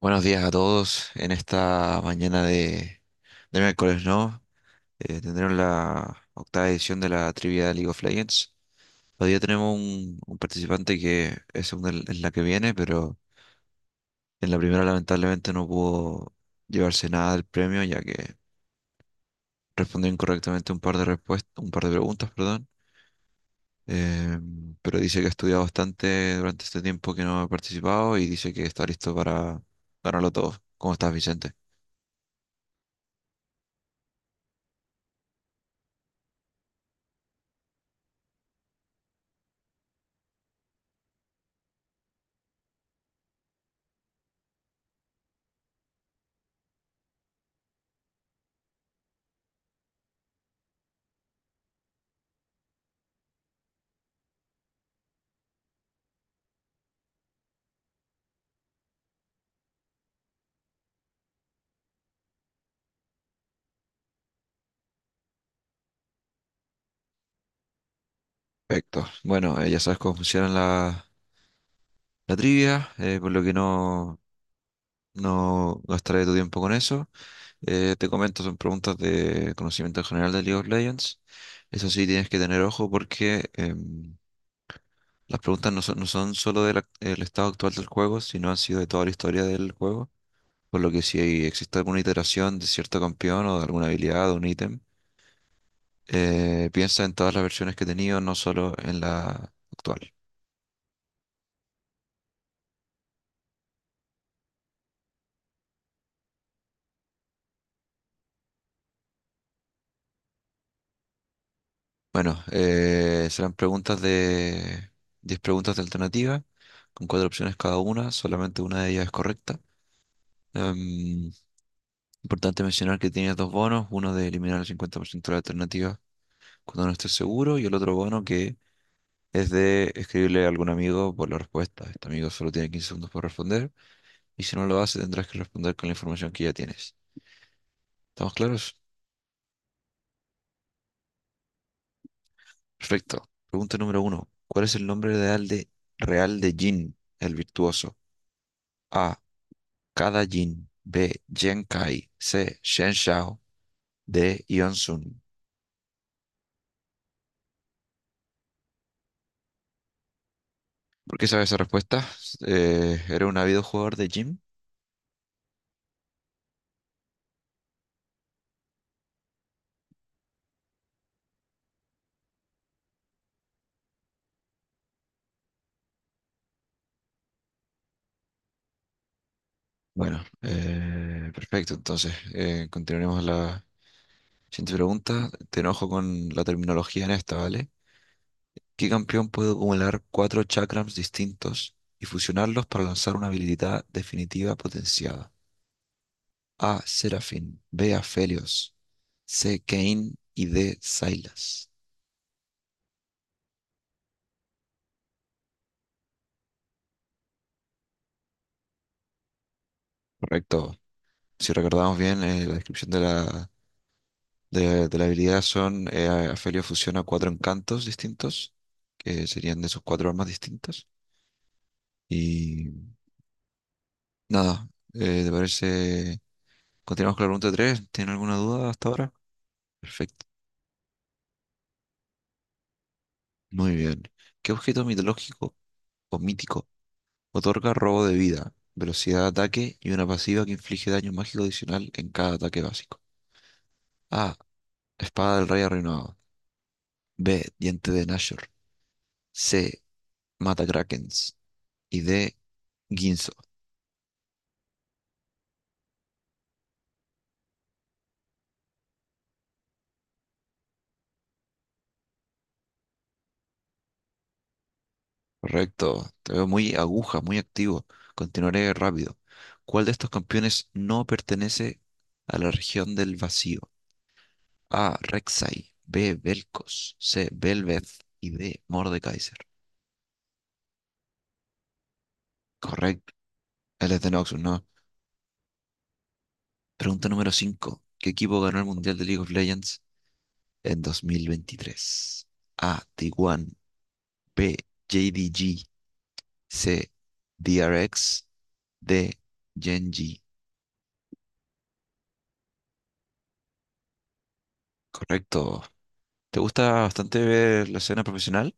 Buenos días a todos en esta mañana de miércoles, ¿no? Tendremos la octava edición de la trivia de League of Legends. Todavía tenemos un participante que es segunda en la que viene, pero en la primera lamentablemente no pudo llevarse nada del premio, ya que respondió incorrectamente un par de respuestas, un par de preguntas, perdón. Eh, pero dice que ha estudiado bastante durante este tiempo que no ha participado y dice que está listo para ganarlo todo. ¿Cómo estás, Vicente? Perfecto. Bueno, ya sabes cómo funciona la trivia, por lo que no gastaré tu tiempo con eso. Te comento, son preguntas de conocimiento general de League of Legends. Eso sí, tienes que tener ojo porque las preguntas no son solo el estado actual del juego, sino han sido de toda la historia del juego. Por lo que si hay- existe alguna iteración de cierto campeón o de alguna habilidad o un ítem, piensa en todas las versiones que he tenido, no solo en la actual. Bueno, serán preguntas de 10 preguntas de alternativa, con cuatro opciones cada una, solamente una de ellas es correcta. Em, Importante mencionar que tienes dos bonos, uno de eliminar el 50% de la alternativa cuando no estés seguro y el otro bono que es de escribirle a algún amigo por la respuesta. Este amigo solo tiene 15 segundos para responder y si no lo hace tendrás que responder con la información que ya tienes. ¿Estamos claros? Perfecto. Pregunta número uno. ¿Cuál es el nombre real de Jin, el virtuoso? A. Kada Jin, B. Jen Kai, C. Shen Xiao, D. Ion Sun. ¿Por qué sabes esa respuesta? ¿Era un ávido jugador de gym? Bueno, perfecto. Entonces, continuaremos la siguiente pregunta. Te enojo con la terminología en esta, ¿vale? ¿Qué campeón puede acumular cuatro chakrams distintos y fusionarlos para lanzar una habilidad definitiva potenciada? A. Serafin, B. Aphelios, C. Kayn y D. Sylas. Correcto. Si recordamos bien, la descripción de la habilidad son, Afelio fusiona cuatro encantos distintos, que serían de sus cuatro armas distintas. Y nada, ¿te parece? Continuamos con la pregunta 3. ¿Tiene alguna duda hasta ahora? Perfecto. Muy bien. ¿Qué objeto mitológico o mítico otorga robo de vida, velocidad de ataque y una pasiva que inflige daño mágico adicional en cada ataque básico? A. Espada del Rey Arruinado. B. Diente de Nashor. C. Mata Krakens. Y de Ginzo. Correcto. Te veo muy aguja, muy activo. Continuaré rápido. ¿Cuál de estos campeones no pertenece a la región del vacío? A. Rek'Sai. B. Vel'Koz. C. Belveth. Y D. Mordekaiser. Correcto. Él es de Noxus, ¿no? Pregunta número cinco. ¿Qué equipo ganó el Mundial de League of Legends en 2023? A. T1. B. JDG. C. DRX. D. Genji. Correcto. ¿Te gusta bastante ver la escena profesional?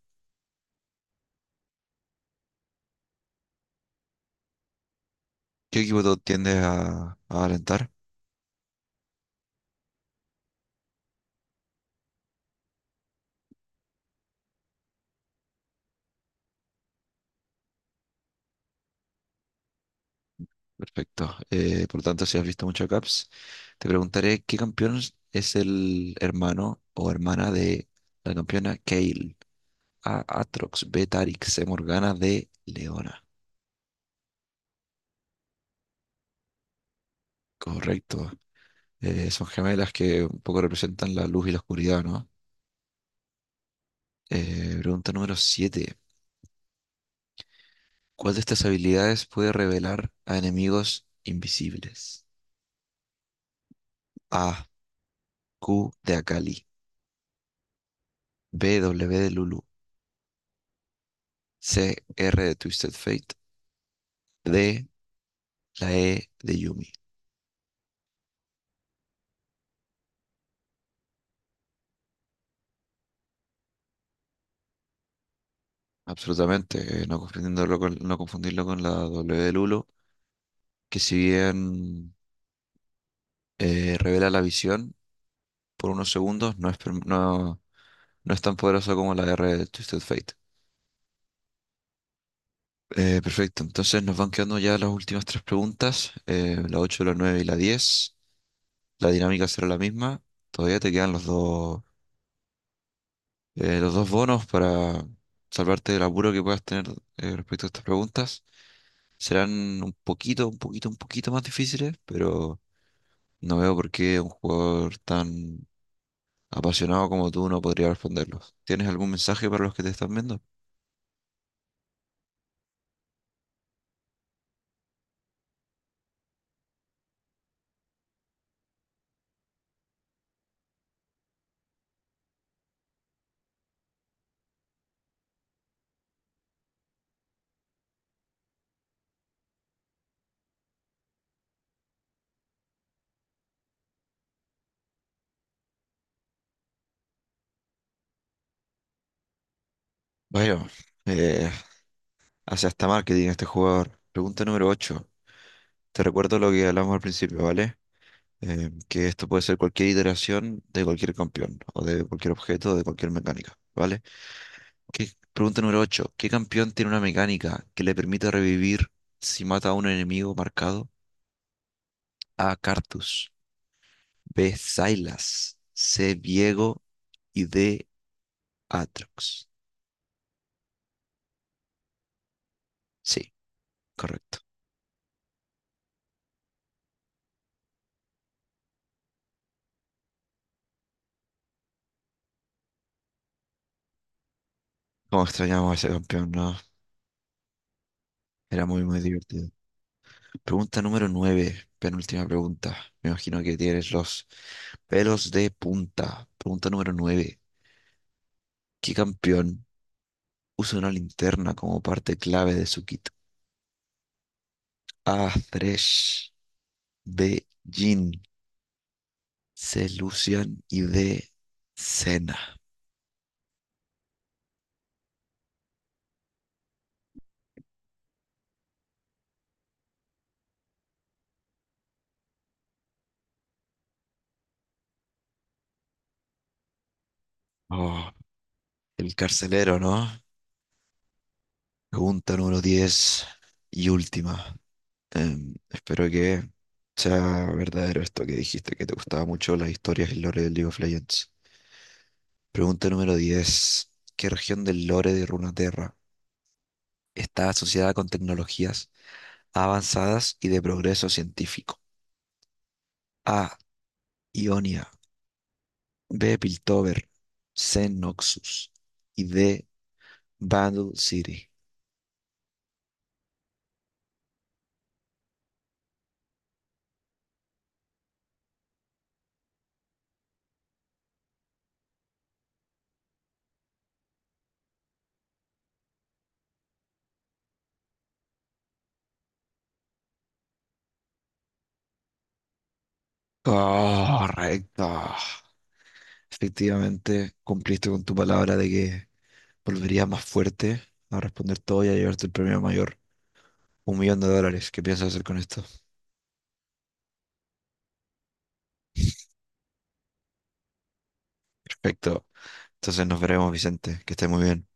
¿Qué equipo tú tiendes a alentar? Perfecto. Por lo tanto, si has visto mucho Caps, te preguntaré qué campeón es el hermano o hermana de la campeona Kayle. A. Atrox, B. Tarix, C. Morgana, D. Leona. Correcto. Son gemelas que un poco representan la luz y la oscuridad, ¿no? Pregunta número 7. ¿Cuál de estas habilidades puede revelar a enemigos invisibles? A. Q de Akali. B, W de Lulu, C, R de Twisted Fate, D, la E de Yumi. Absolutamente, no confundirlo con la W de Lulu, que si bien revela la visión por unos segundos, no es tan poderosa como la R de Twisted Fate. Perfecto, entonces nos van quedando ya las últimas tres preguntas, la ocho, la 9 y la 10. La dinámica será la misma, todavía te quedan los dos bonos para salvarte del apuro que puedas tener respecto a estas preguntas serán un poquito, un poquito, un poquito más difíciles, pero no veo por qué un jugador tan apasionado como tú no podría responderlos. ¿Tienes algún mensaje para los que te están viendo? Bueno, eh, hace hasta marketing este jugador. Pregunta número ocho. Te recuerdo lo que hablamos al principio, ¿vale? Que esto puede ser cualquier iteración de cualquier campeón, o de cualquier objeto, o de cualquier mecánica, ¿vale? Pregunta número 8. ¿Qué campeón tiene una mecánica que le permite revivir si mata a un enemigo marcado? A. Cartus. B. Sylas. C. Viego. Y D. Atrox. Sí, correcto. Cómo extrañamos a ese campeón, ¿no? Era muy, muy divertido. Pregunta número 9. Penúltima pregunta. Me imagino que tienes los pelos de punta. Pregunta número 9. ¿Qué campeón usa una linterna como parte clave de su kit? A. Thresh. B. Jin, C. Lucian y D. Cena. Oh, el carcelero, ¿no? Pregunta número 10 y última. Espero que sea verdadero esto que dijiste, que te gustaba mucho las historias y lore del League of Legends. Pregunta número 10. ¿Qué región del lore de Runeterra está asociada con tecnologías avanzadas y de progreso científico? A. Ionia. B. Piltover. C. Noxus. Y D. Battle City. Correcto. Efectivamente, cumpliste con tu palabra de que volverías más fuerte a responder todo y a llevarte el premio mayor. $1.000.000. ¿Qué piensas hacer con esto? Perfecto. Entonces nos veremos, Vicente. Que estés muy bien.